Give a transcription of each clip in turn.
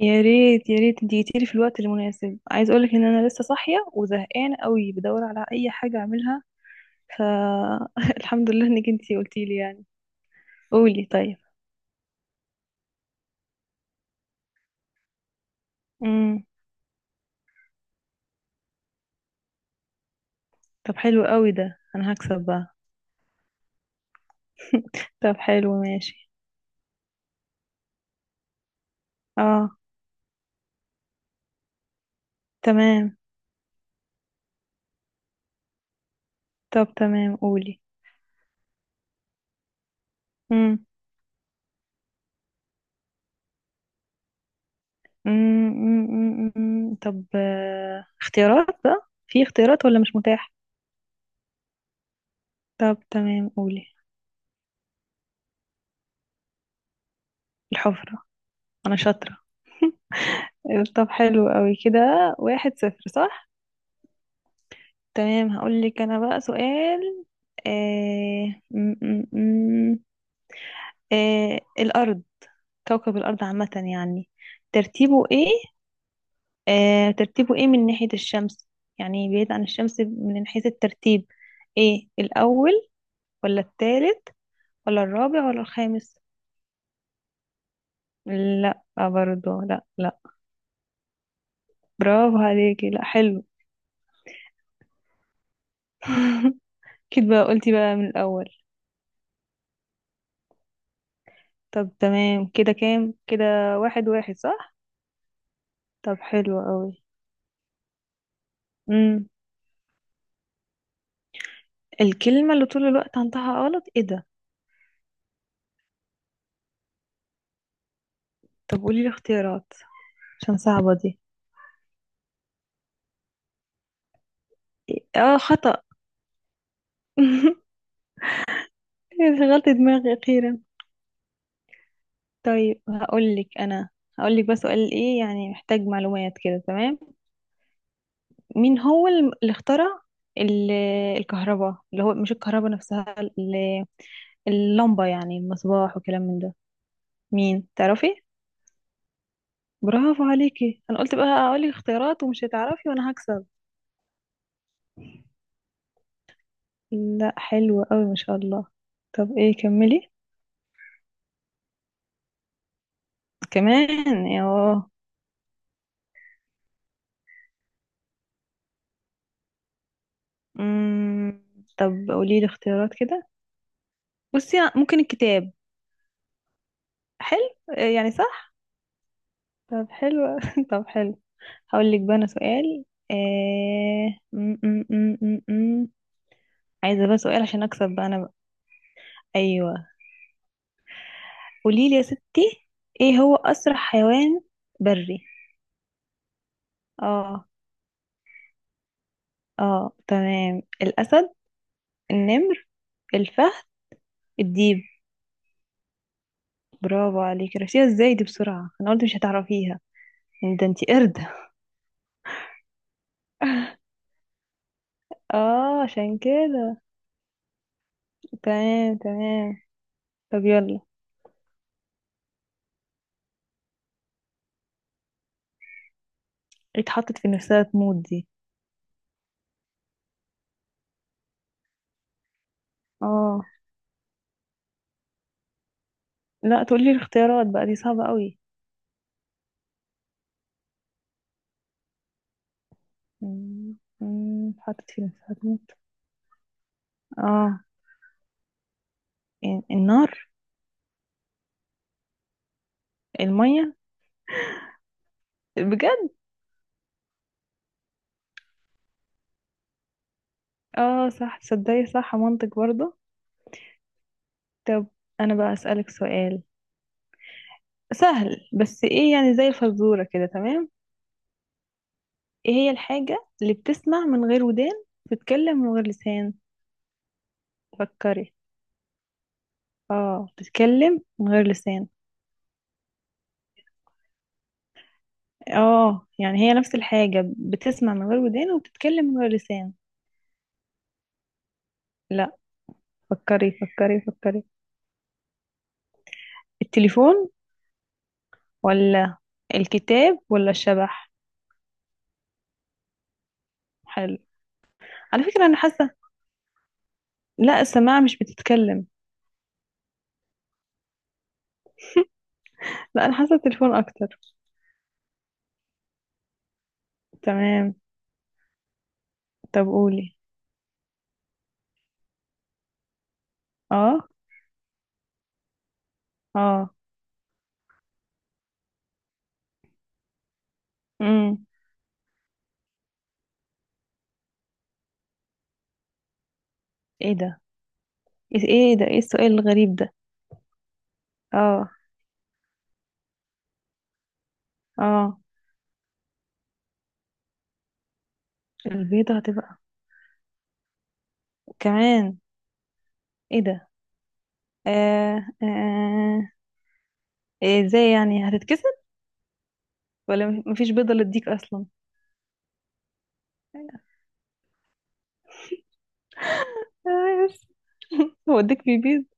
يا ريت يا ريت اديتيلي في الوقت المناسب. عايز اقولك ان انا لسه صاحيه وزهقانه قوي، بدور على اي حاجه اعملها. فالحمد لله انك انتي قلتيلي يعني. قولي. طيب. امم. طب حلو قوي ده انا هكسب بقى. طب حلو ماشي. اه تمام. طب تمام قولي. امم، امم، أمم، أمم. طب اختيارات بقى، في اختيارات ولا مش متاح؟ طب تمام قولي. الحفره. انا شاطره. طب حلو قوي كده، واحد صفر صح. تمام. هقول لك انا بقى سؤال. م -م -م. الارض، كوكب الارض عامه يعني، ترتيبه ايه؟ ترتيبه ايه من ناحيه الشمس؟ يعني بعيد عن الشمس من حيث الترتيب، ايه الاول ولا الثالث ولا الرابع ولا الخامس؟ لا، برضه لا لا. برافو عليكي، لا حلو. كده بقى قلتي بقى من الاول. طب تمام كده، كام كده؟ واحد واحد صح. طب حلو قوي. الكلمة اللي طول الوقت عندها غلط ايه ده؟ طب قولي لي اختيارات عشان صعبة دي. اه خطأ. شغلت دماغي أخيرا. طيب هقولك أنا، هقولك بس سؤال ايه يعني، محتاج معلومات كده تمام؟ مين هو اللي اخترع ال- الكهرباء، اللي هو مش الكهرباء نفسها، اللمبة يعني، المصباح وكلام من ده، مين تعرفي؟ برافو عليكي. انا قلت بقى هقولك اختيارات ومش هتعرفي وانا هكسب. لا حلو قوي ما شاء الله. طب ايه كملي. كمان اه. أمم. طب قولي لي اختيارات كده. بصي ممكن الكتاب. حلو. يعني صح. طب حلو طب حلو. هقول لك بقى انا سؤال. م -م -م -م -م. عايزه بقى سؤال عشان اكسب بقى انا بقى. ايوه. قولي لي يا ستي، ايه هو اسرع حيوان بري؟ اه. اه تمام، الاسد، النمر، الفهد، الديب. برافو عليكي، عرفتيها ازاي دي بسرعه؟ انا قلت مش هتعرفيها. يعني ده انتي قرد. اه عشان كده. تمام تمام. طب يلا. اتحطت في نفسها تموت دي؟ اه. لا تقولي الاختيارات بقى، دي صعبة قوي. مم، مم، اتحطت في نفسها تموت. اه. النار. المية. بجد؟ اه صح، تصدقي صح، منطق برضه. طب انا بقى اسألك سؤال سهل، بس ايه يعني زي الفزورة كده تمام؟ ايه هي الحاجة اللي بتسمع من غير ودان، بتتكلم من غير لسان؟ فكري. اه بتتكلم من غير لسان. اه يعني هي نفس الحاجة، بتسمع من غير ودان وبتتكلم من غير لسان. لا. فكري فكري فكري. التليفون، ولا الكتاب ولا الشبح؟ حلو. على فكرة أنا حاسة. لا السماعة مش بتتكلم. لا أنا حاسة التليفون أكتر. تمام. طب قولي. اه. اه. امم. ايه ده. ايه. إيه ده، ايه السؤال الغريب ده؟ اه. اه. البيضة هتبقى كمان؟ ايه ده. آه. آه آه. إيه ازاي يعني، هتتكسر ولا مفيش بيضة للديك أصلا؟ أيوة. وديك في بيز.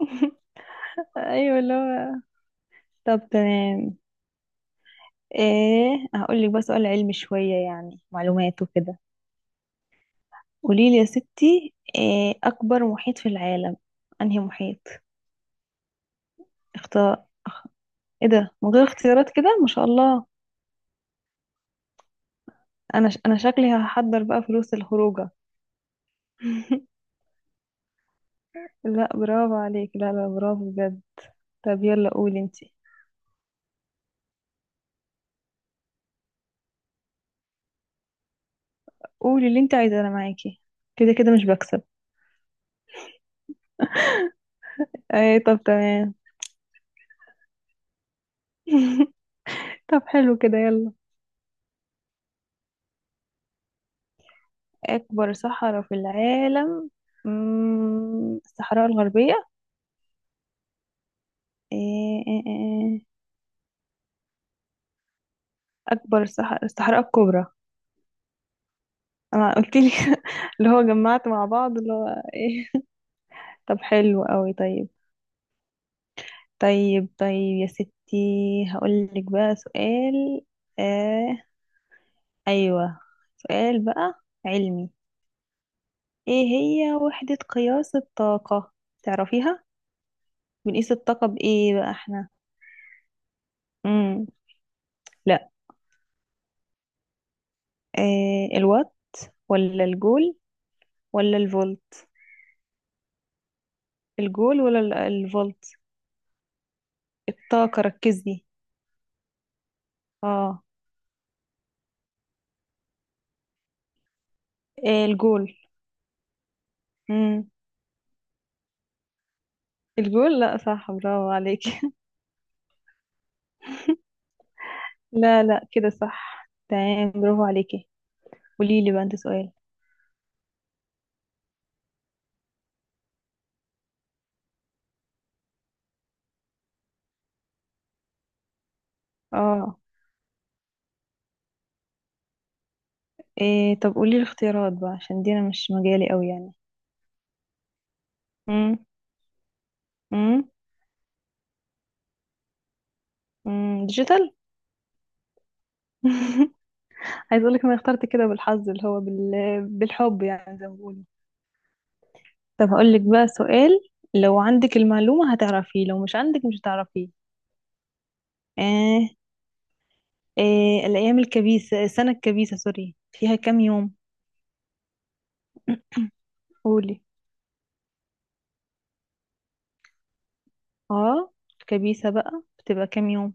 ايوه اللي هو. طب تمام. ايه هقول لك بقى سؤال علمي شويه، يعني معلومات وكده. قولي لي يا ستي، إيه اكبر محيط في العالم؟ انهي محيط؟ اختار ايه ده من غير اختيارات كده ما شاء الله. انا انا شكلي هحضر بقى فلوس الخروجه. لا برافو عليك، لا لا برافو بجد. طب يلا قولي انتي. قولي اللي انت عايزاه، انا معاكي. كده كده مش بكسب. ايه طب تمام. طب حلو كده يلا. أكبر صحراء في العالم. الصحراء الغربية. إيه؟ إيه. إيه. إيه. أكبر صحراء، الصحراء الكبرى. أنا قلت لي. اللي هو جمعت مع بعض اللي هو إيه. طب حلو قوي. طيب طيب طيب يا ستي، هقول لك بقى سؤال. آه أيوة، سؤال بقى علمي. إيه هي وحدة قياس الطاقة؟ تعرفيها؟ بنقيس الطاقة بإيه بقى إحنا؟ مم. لا. إيه الوات ولا الجول ولا الفولت؟ الجول، ولا الفولت؟ الطاقة ركزي. اه. إيه الجول؟ امم. الجول، لا صح برافو عليكي. لا لا كده صح تمام، برافو عليكي. قولي لي بقى انت سؤال. اه. إيه طب قولي لي الاختيارات بقى، عشان دي انا مش مجالي قوي يعني. امم. امم. ديجيتال. عايز اقول لك انا اخترت كده بالحظ، اللي هو بالحب يعني، زي ما بيقولوا. طب هقول لك بقى سؤال، لو عندك المعلومة هتعرفيه، لو مش عندك مش هتعرفيه. آه آه. الأيام الكبيسة، السنة الكبيسة سوري، فيها كام يوم؟ قولي. اه. الكبيسة بقى بتبقى كام يوم؟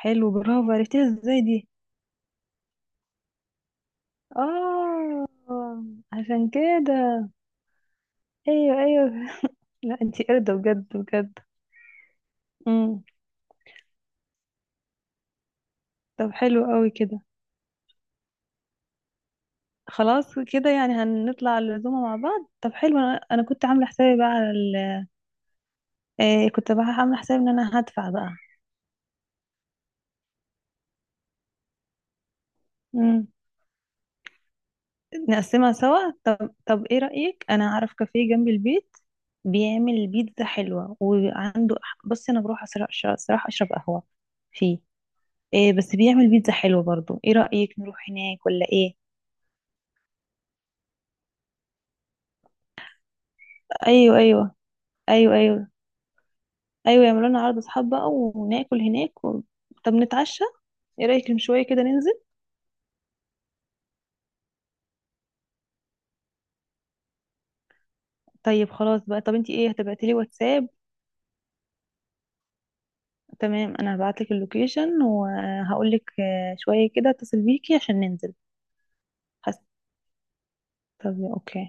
حلو برافو، عرفتيها ازاي دي؟ اه عشان كده. ايوه ايوه. لا انتي قردة بجد بجد. امم. طب حلو قوي كده، خلاص كده يعني هنطلع العزومة مع بعض. طب حلو، أنا كنت عاملة حسابي بقى على كنت بقى عاملة حسابي ان انا هدفع بقى. نقسمها سوا. طب ايه رأيك، انا اعرف كافيه جنب البيت بيعمل بيتزا حلوة، وعنده، بصي انا بروح صراحة اشرب قهوة فيه. إيه بس بيعمل بيتزا حلوة برضو، ايه رأيك نروح هناك ولا ايه؟ ايوه ايوه. ايوه ايوه. ايوه يعملوا لنا عرض اصحاب بقى وناكل هناك و... طب نتعشى. ايه رأيك من شوية كده ننزل؟ طيب خلاص بقى. طب انتي ايه، هتبعتي لي واتساب؟ تمام انا هبعتلك اللوكيشن، وهقولك شوية كده اتصل بيكي عشان ننزل. حس... طب اوكي.